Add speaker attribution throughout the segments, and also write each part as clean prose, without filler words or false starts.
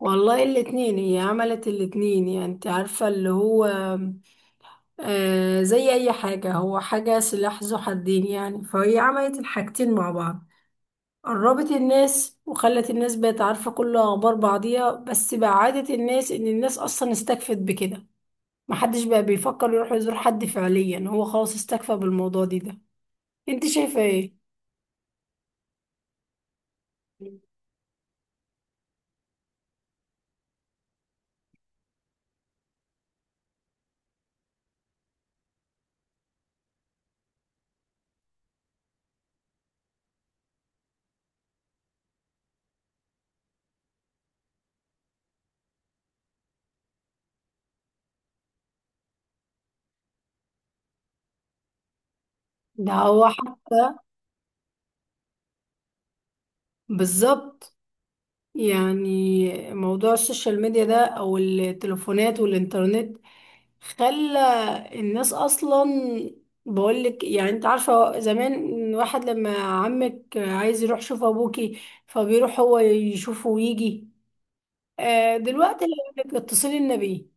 Speaker 1: والله الاتنين، هي عملت الاتنين. يعني انت عارفة اللي هو آه، زي اي حاجة، هو حاجة سلاح ذو حدين. يعني فهي عملت الحاجتين مع بعض، قربت الناس وخلت الناس بقت عارفة كل اخبار بعضيها، بس بعدت الناس ان الناس اصلا استكفت بكده. محدش بقى بيفكر يروح يزور حد فعليا، هو خلاص استكفى بالموضوع دي ده. انت شايفة ايه؟ ده هو حتى بالظبط. يعني موضوع السوشيال ميديا ده او التليفونات والانترنت خلى الناس اصلا، بقولك يعني انت عارفة زمان واحد لما عمك عايز يروح يشوف ابوكي فبيروح هو يشوفه ويجي. دلوقتي لك اتصلي النبي.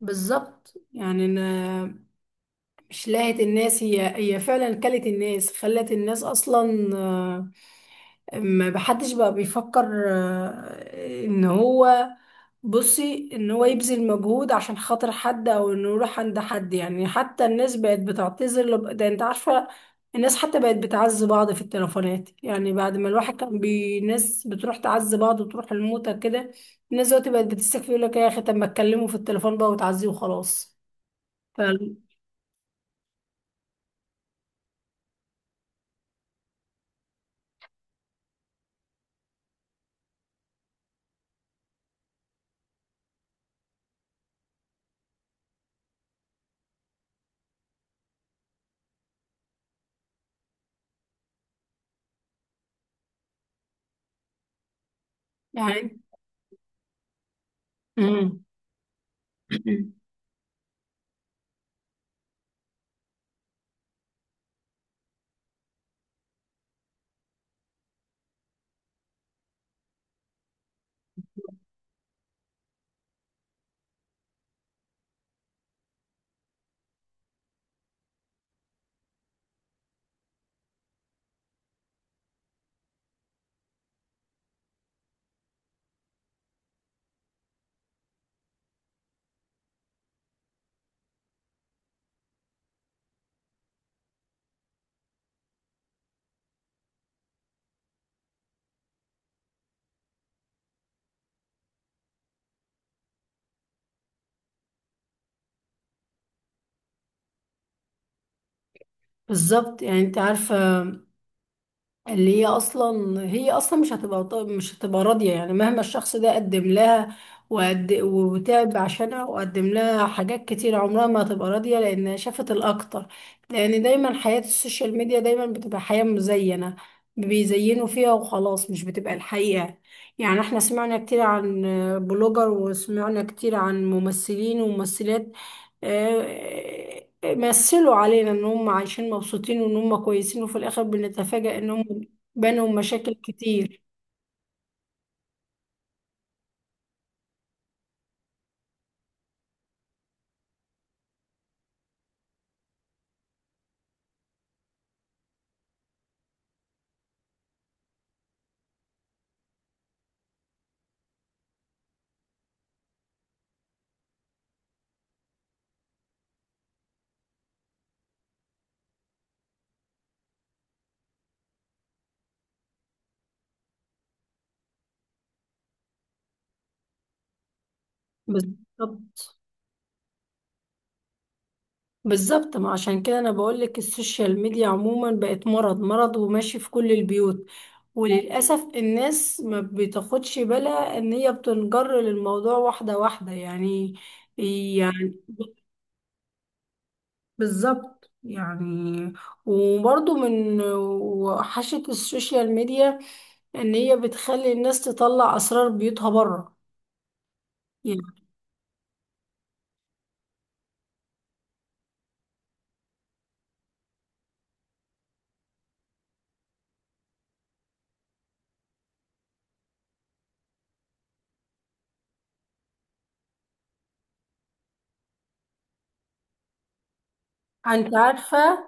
Speaker 1: بالظبط. يعني انا، مش لاهت الناس، هي هي فعلا كلت الناس، خلت الناس اصلا ما بحدش بقى بيفكر ان هو، بصي ان هو يبذل مجهود عشان خاطر حد او انه يروح عند حد. يعني حتى الناس بقت بتعتذر لب... ده انت عارفة الناس حتى بقت بتعز بعض في التليفونات. يعني بعد ما الواحد كان بي... الناس بتروح تعز بعض وتروح الموتى كده، الناس دلوقتي بقت بتستكفي، يقول لك يا اخي طب ما اتكلموا في التليفون بقى وتعزيه وخلاص. ف... يعني مم. بالظبط. يعني انت عارفة اللي هي اصلا، هي اصلا مش هتبقى مش هتبقى راضيه. يعني مهما الشخص ده قدم لها وقد وتعب عشانها وقدم لها حاجات كتير، عمرها ما هتبقى راضيه لان شافت الاكتر. لان دايما حياه السوشيال ميديا دايما بتبقى حياه مزينه، بيزينوا فيها وخلاص، مش بتبقى الحقيقه. يعني احنا سمعنا كتير عن بلوجر، وسمعنا كتير عن ممثلين وممثلات مثلوا علينا ان هم عايشين مبسوطين وان هم كويسين، وفي الاخر بنتفاجأ ان هم بينهم مشاكل كتير. بالظبط. بالظبط، ما عشان كده انا بقول لك السوشيال ميديا عموما بقت مرض، مرض وماشي في كل البيوت. وللاسف الناس ما بتاخدش بالها ان هي بتنجر للموضوع واحدة واحدة. يعني، يعني بالظبط. يعني وبرضه من وحشة السوشيال ميديا ان هي بتخلي الناس تطلع اسرار بيوتها بره. يعني انت عارفة،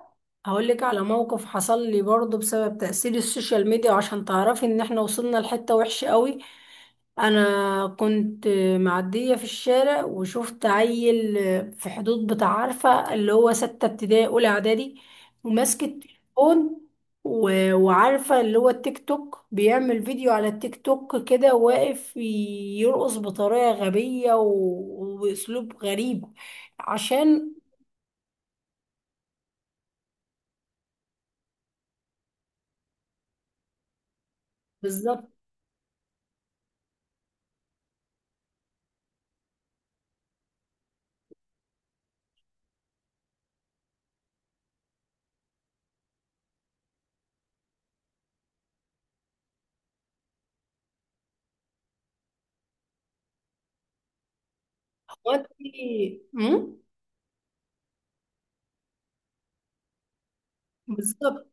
Speaker 1: هقول لك على موقف حصل لي برضه بسبب تأثير السوشيال ميديا، وعشان تعرفي ان احنا وصلنا لحتة وحشة قوي. انا كنت معدية في الشارع وشفت عيل في حدود بتاع عارفة اللي هو ستة ابتدائي اولى اعدادي، وماسك التليفون، وعارفة اللي هو التيك توك، بيعمل فيديو على التيك توك كده واقف يرقص بطريقة غبية و... وبأسلوب غريب عشان، بالظبط. دلوقتي مم؟ بالظبط.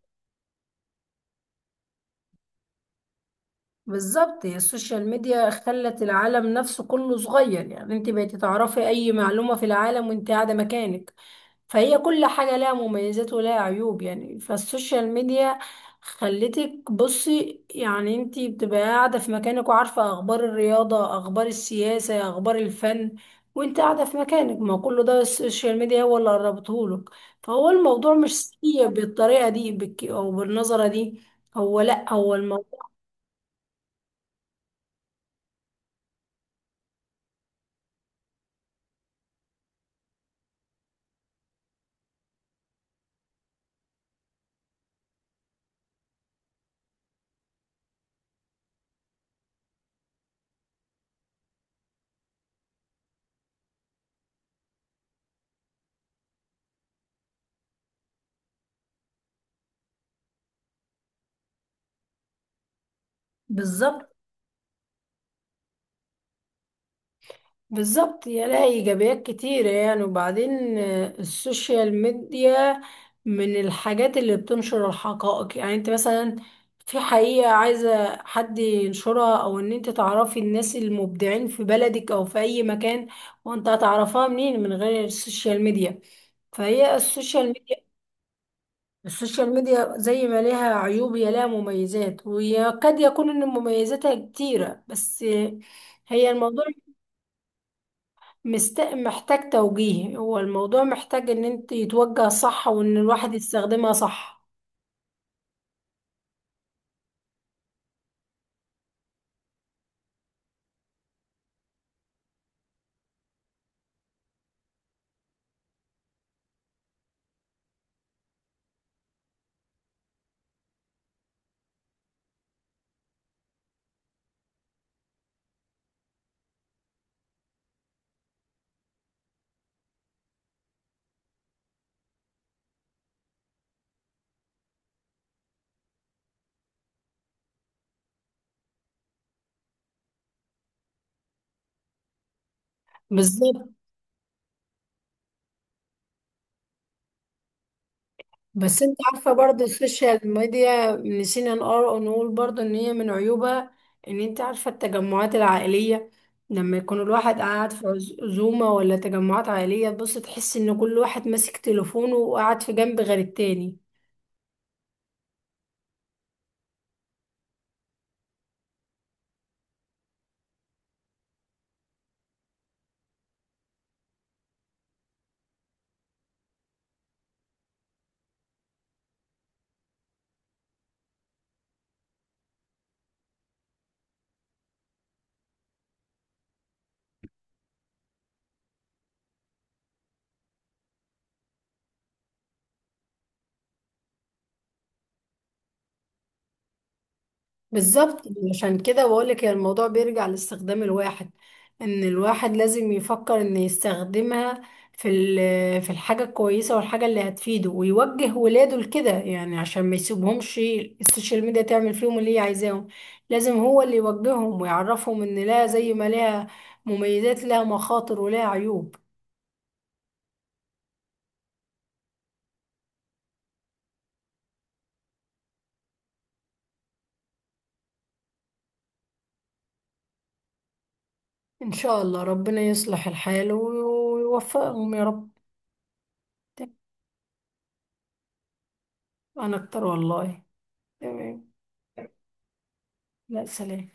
Speaker 1: بالظبط، هي السوشيال ميديا خلت العالم نفسه كله صغير. يعني انت بقيتي تعرفي اي معلومة في العالم وانت قاعدة مكانك. فهي كل حاجة لها مميزات ولها عيوب. يعني فالسوشيال ميديا خلتك بصي، يعني انتي بتبقى قاعدة في مكانك وعارفة اخبار الرياضة، اخبار السياسة، اخبار الفن وانت قاعدة في مكانك. ما كل ده السوشيال ميديا هو اللي قربتهولك. فهو الموضوع مش سيء بالطريقة دي بك او بالنظرة دي. هو لا، هو الموضوع بالظبط. بالظبط، يا لها ايجابيات كتيرة. يعني وبعدين السوشيال ميديا من الحاجات اللي بتنشر الحقائق. يعني انت مثلا في حقيقة عايزة حد ينشرها، او ان انت تعرفي الناس المبدعين في بلدك او في اي مكان، وانت هتعرفها منين من غير السوشيال ميديا؟ فهي السوشيال ميديا، السوشيال ميديا زي ما لها عيوب هي لها مميزات، وقد يكون ان مميزاتها كتيرة. بس هي الموضوع مست... محتاج توجيه، هو الموضوع محتاج ان انت يتوجه صح وان الواحد يستخدمها صح. بالظبط، بس انت عارفة برضو السوشيال ميديا نسينا نقول برضو ان هي من عيوبها ان انت عارفة التجمعات العائلية، لما يكون الواحد قاعد في عزومة ولا تجمعات عائلية، تبص تحس ان كل واحد ماسك تليفونه وقاعد في جنب غير التاني. بالظبط. عشان كده بقولك هي الموضوع بيرجع لاستخدام الواحد، ان الواحد لازم يفكر ان يستخدمها في الحاجة الكويسة والحاجة اللي هتفيده، ويوجه ولاده لكده يعني، عشان ما يسيبهمش السوشيال ميديا تعمل فيهم اللي هي عايزاهم. لازم هو اللي يوجههم ويعرفهم ان لا، زي ما لها مميزات لها مخاطر ولها عيوب. ان شاء الله ربنا يصلح الحال ويوفقهم يا رب. انا اكتر والله. تمام. لا، سلام.